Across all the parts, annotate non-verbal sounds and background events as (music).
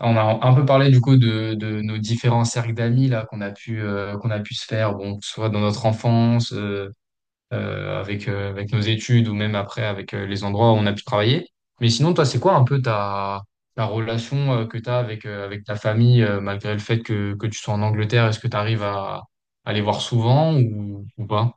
On a un peu parlé du coup de nos différents cercles d'amis là qu'on a pu se faire, bon, que ce soit dans notre enfance, avec nos études ou même après avec les endroits où on a pu travailler. Mais sinon, toi, c'est quoi un peu ta relation que tu as avec avec ta famille, malgré le fait que tu sois en Angleterre, est-ce que tu arrives à les voir souvent ou pas?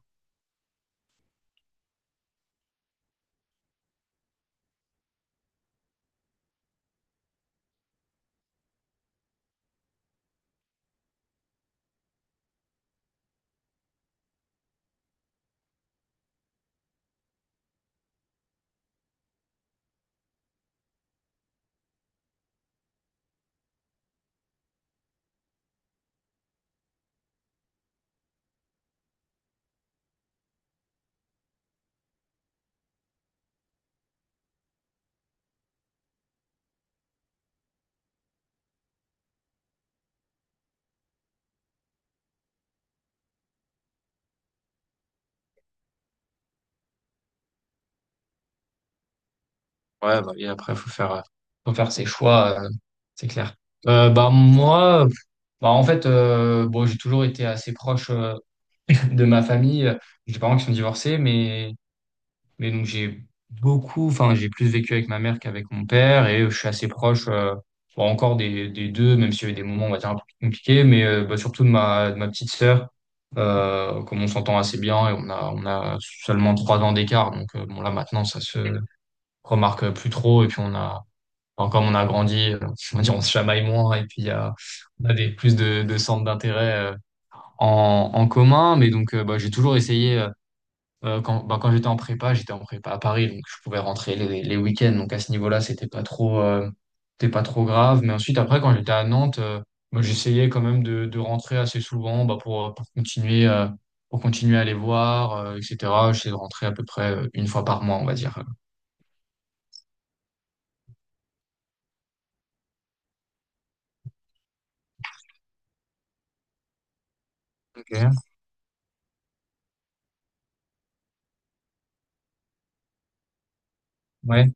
Ouais, bah, et après faut faire ses choix, c'est clair. Bah moi, bah en fait, bon, j'ai toujours été assez proche de ma famille. J'ai des parents qui sont divorcés, mais donc j'ai beaucoup, enfin, j'ai plus vécu avec ma mère qu'avec mon père et je suis assez proche, bon, encore des deux, même s'il y a eu des moments, on va dire, un peu plus compliqués, mais bah, surtout de ma petite sœur, comme on s'entend assez bien et on a seulement 3 ans d'écart. Donc, bon, là, maintenant, ça se remarque plus trop et puis on a, enfin, comme on a grandi, on va dire, on se chamaille moins et puis on a des, plus de centres d'intérêt en commun, mais donc bah, j'ai toujours essayé quand j'étais en prépa à Paris, donc je pouvais rentrer les week-ends. Donc à ce niveau-là, c'était pas trop grave. Mais ensuite, après, quand j'étais à Nantes, bah, j'essayais quand même de rentrer assez souvent bah, pour pour continuer à les voir, etc. J'essayais de rentrer à peu près une fois par mois, on va dire. Ok. Ouais.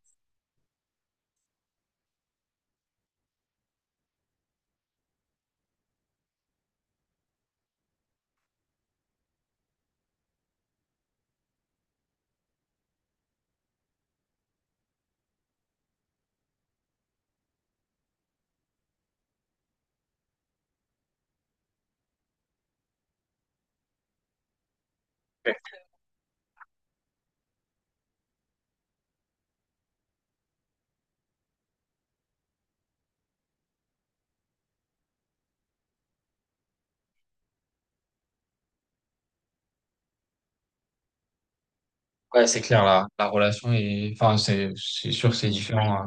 Ouais, c'est clair, la relation est, enfin, c'est sûr, c'est différent, hein.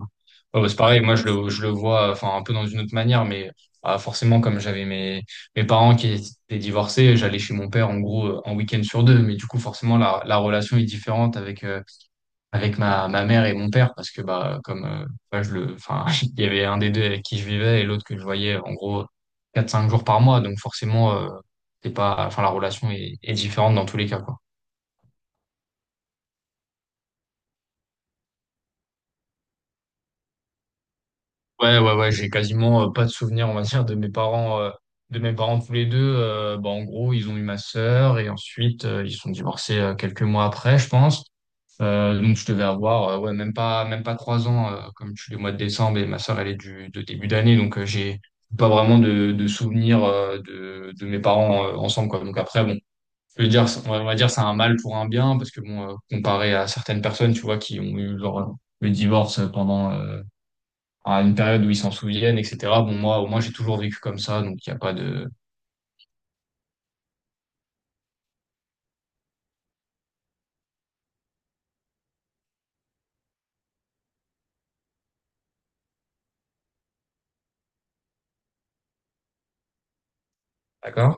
Ouais, bah, c'est pareil, moi, je le vois, enfin, un peu dans une autre manière, mais ah, forcément, comme j'avais mes parents qui étaient divorcés, j'allais chez mon père, en gros, un week-end sur deux, mais du coup, forcément, la relation est différente avec ma mère et mon père, parce que, bah, comme, bah, enfin, (laughs) il y avait un des deux avec qui je vivais et l'autre que je voyais, en gros, quatre cinq jours par mois, donc forcément, c'est pas, enfin, la relation est différente dans tous les cas, quoi. Ouais, ouais, ouais, j'ai quasiment pas de souvenirs, on va dire, de mes parents tous les deux. Bah, en gros, ils ont eu ma sœur et ensuite ils sont divorcés quelques mois après, je pense. Donc je devais avoir, ouais, même pas 3 ans, comme je suis du mois de décembre et ma sœur elle est du de début d'année, donc j'ai pas vraiment de souvenirs de mes parents ensemble, quoi. Donc après, bon, je veux dire, on va dire c'est un mal pour un bien parce que bon, comparé à certaines personnes, tu vois, qui ont eu leur le divorce pendant à une période où ils s'en souviennent, etc. Bon, moi, au moins, j'ai toujours vécu comme ça, donc il n'y a pas de. D'accord?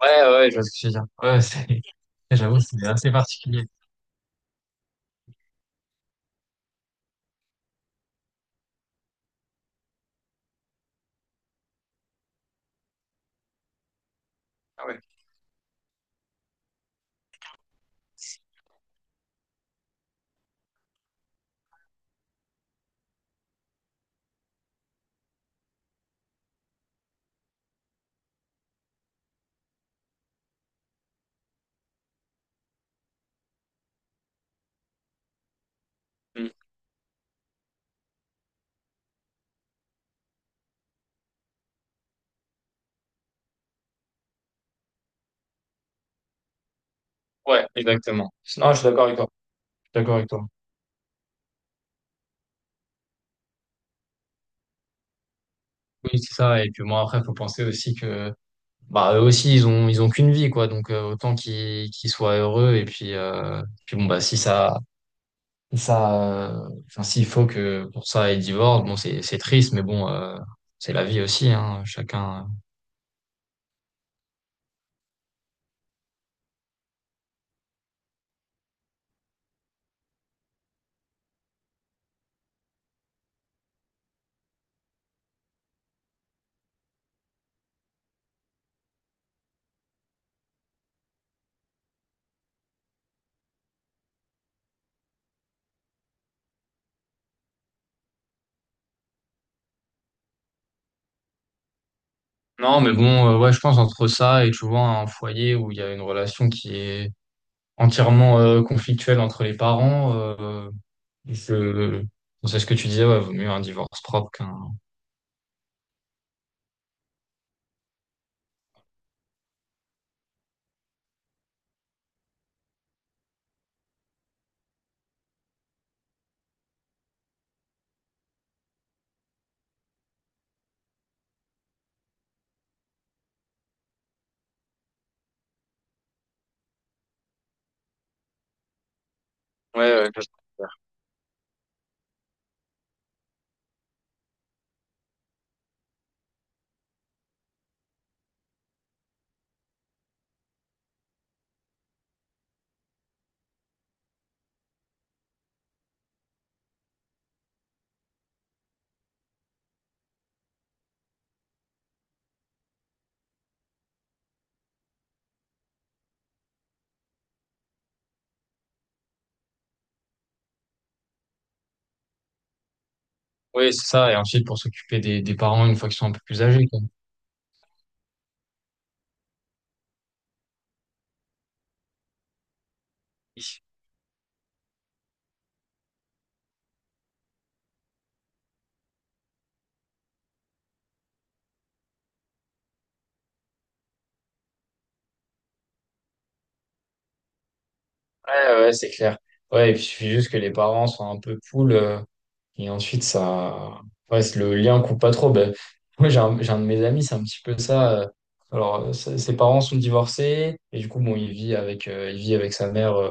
Ouais, ouais, je vois ce que tu veux dire. Ouais, c'est. (laughs) J'avoue, c'est assez particulier. Ah ouais. Mm. Ouais, exactement. Non, je suis d'accord avec toi. Je suis d'accord avec toi. Oui, c'est ça. Et puis moi, après, faut penser aussi que, bah, eux aussi, ils ont qu'une vie, quoi. Donc, autant qu'ils soient heureux. Et puis, bon, bah, si ça, si ça, enfin, s'il faut que pour ça, ils divorcent, bon, c'est triste, mais bon, c'est la vie aussi, hein. Chacun. Non, mais bon, ouais, je pense entre ça et tu vois un foyer où il y a une relation qui est entièrement, conflictuelle entre les parents, je, c'est ce que tu disais, ouais, vaut mieux un divorce propre qu'un. Ouais, ouais, je préfère. Oui, c'est ça. Et ensuite pour s'occuper des parents une fois qu'ils sont un peu plus âgés, quoi. Oui. Ouais, ouais, c'est clair. Ouais, et puis il suffit juste que les parents soient un peu cool. Et ensuite, ça. Ouais, le lien coupe pas trop. Ben, moi, j'ai un de mes amis, c'est un petit peu ça. Alors, ses parents sont divorcés. Et du coup, bon, il vit avec sa mère. euh,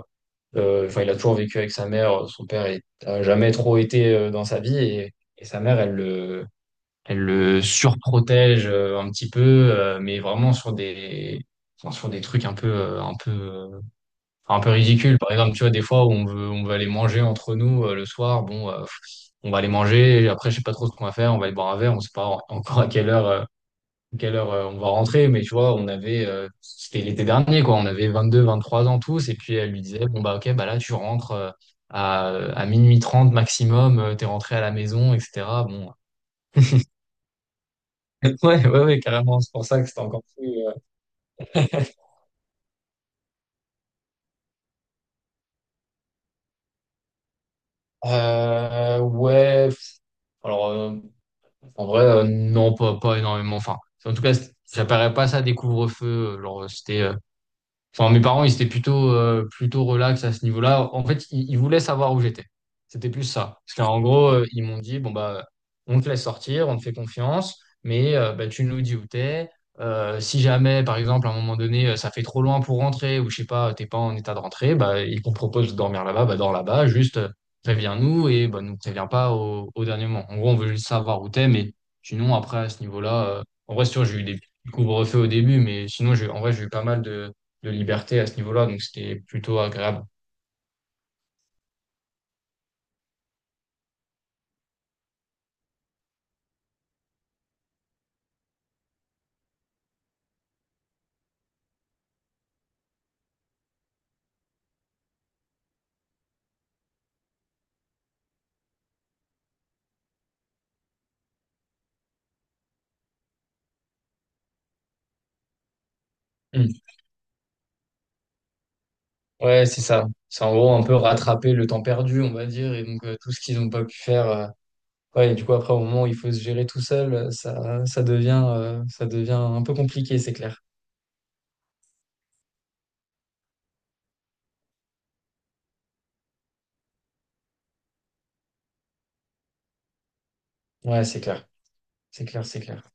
euh, Enfin, il a toujours vécu avec sa mère. Son père a jamais trop été dans sa vie. Et sa mère, elle le surprotège un petit peu, mais vraiment sur des. Enfin, sur des trucs un peu enfin, un peu ridicules, par exemple tu vois des fois où on veut aller manger entre nous le soir bon, on va aller manger et après, je sais pas trop ce qu'on va faire. On va aller boire un verre. On sait pas encore à quelle heure, on va rentrer. Mais tu vois, c'était l'été dernier, quoi. On avait 22-23 ans tous. Et puis, elle lui disait, bon, bah, ok, bah là, tu rentres à 0h30 maximum. T'es rentré à la maison, etc. Bon. (laughs) Ouais, ouais, ouais, carrément. C'est pour ça que c'était encore plus. (laughs) Ouais, pff, alors euh, en vrai, non, pas énormément. Enfin, en tout cas, j'appellerais pas ça des couvre-feux. Genre, c'était. Enfin, mes parents, ils étaient plutôt relax à ce niveau-là. En fait, ils voulaient savoir où j'étais. C'était plus ça. Parce qu'en gros, ils m'ont dit, bon, bah, on te laisse sortir, on te fait confiance, mais bah, tu nous dis où t'es. Si jamais, par exemple, à un moment donné, ça fait trop loin pour rentrer, ou je sais pas, t'es pas en état de rentrer, bah, ils qu'on propose de dormir là-bas, bah, dors là-bas, juste préviens-nous et bah, nous préviens pas au dernier moment. En gros, on veut juste savoir où t'es, mais sinon, après, à ce niveau-là, en vrai, c'est sûr, j'ai eu des petits couvre-feux au début, mais sinon, en vrai, j'ai eu pas mal de liberté à ce niveau-là, donc c'était plutôt agréable. Mm. Ouais, c'est ça. C'est en gros un peu rattraper le temps perdu, on va dire, et donc tout ce qu'ils n'ont pas pu faire. Ouais, et du coup, après, au moment où il faut se gérer tout seul, ça, ça devient un peu compliqué, c'est clair. Ouais, c'est clair. C'est clair, c'est clair.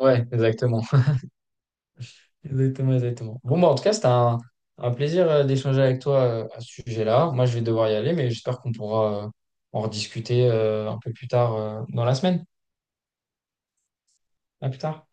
Ouais, exactement. (laughs) Exactement, exactement. Bon, bah, en tout cas, c'était un plaisir d'échanger avec toi à ce sujet-là. Moi, je vais devoir y aller, mais j'espère qu'on pourra en rediscuter un peu plus tard dans la semaine. À plus tard.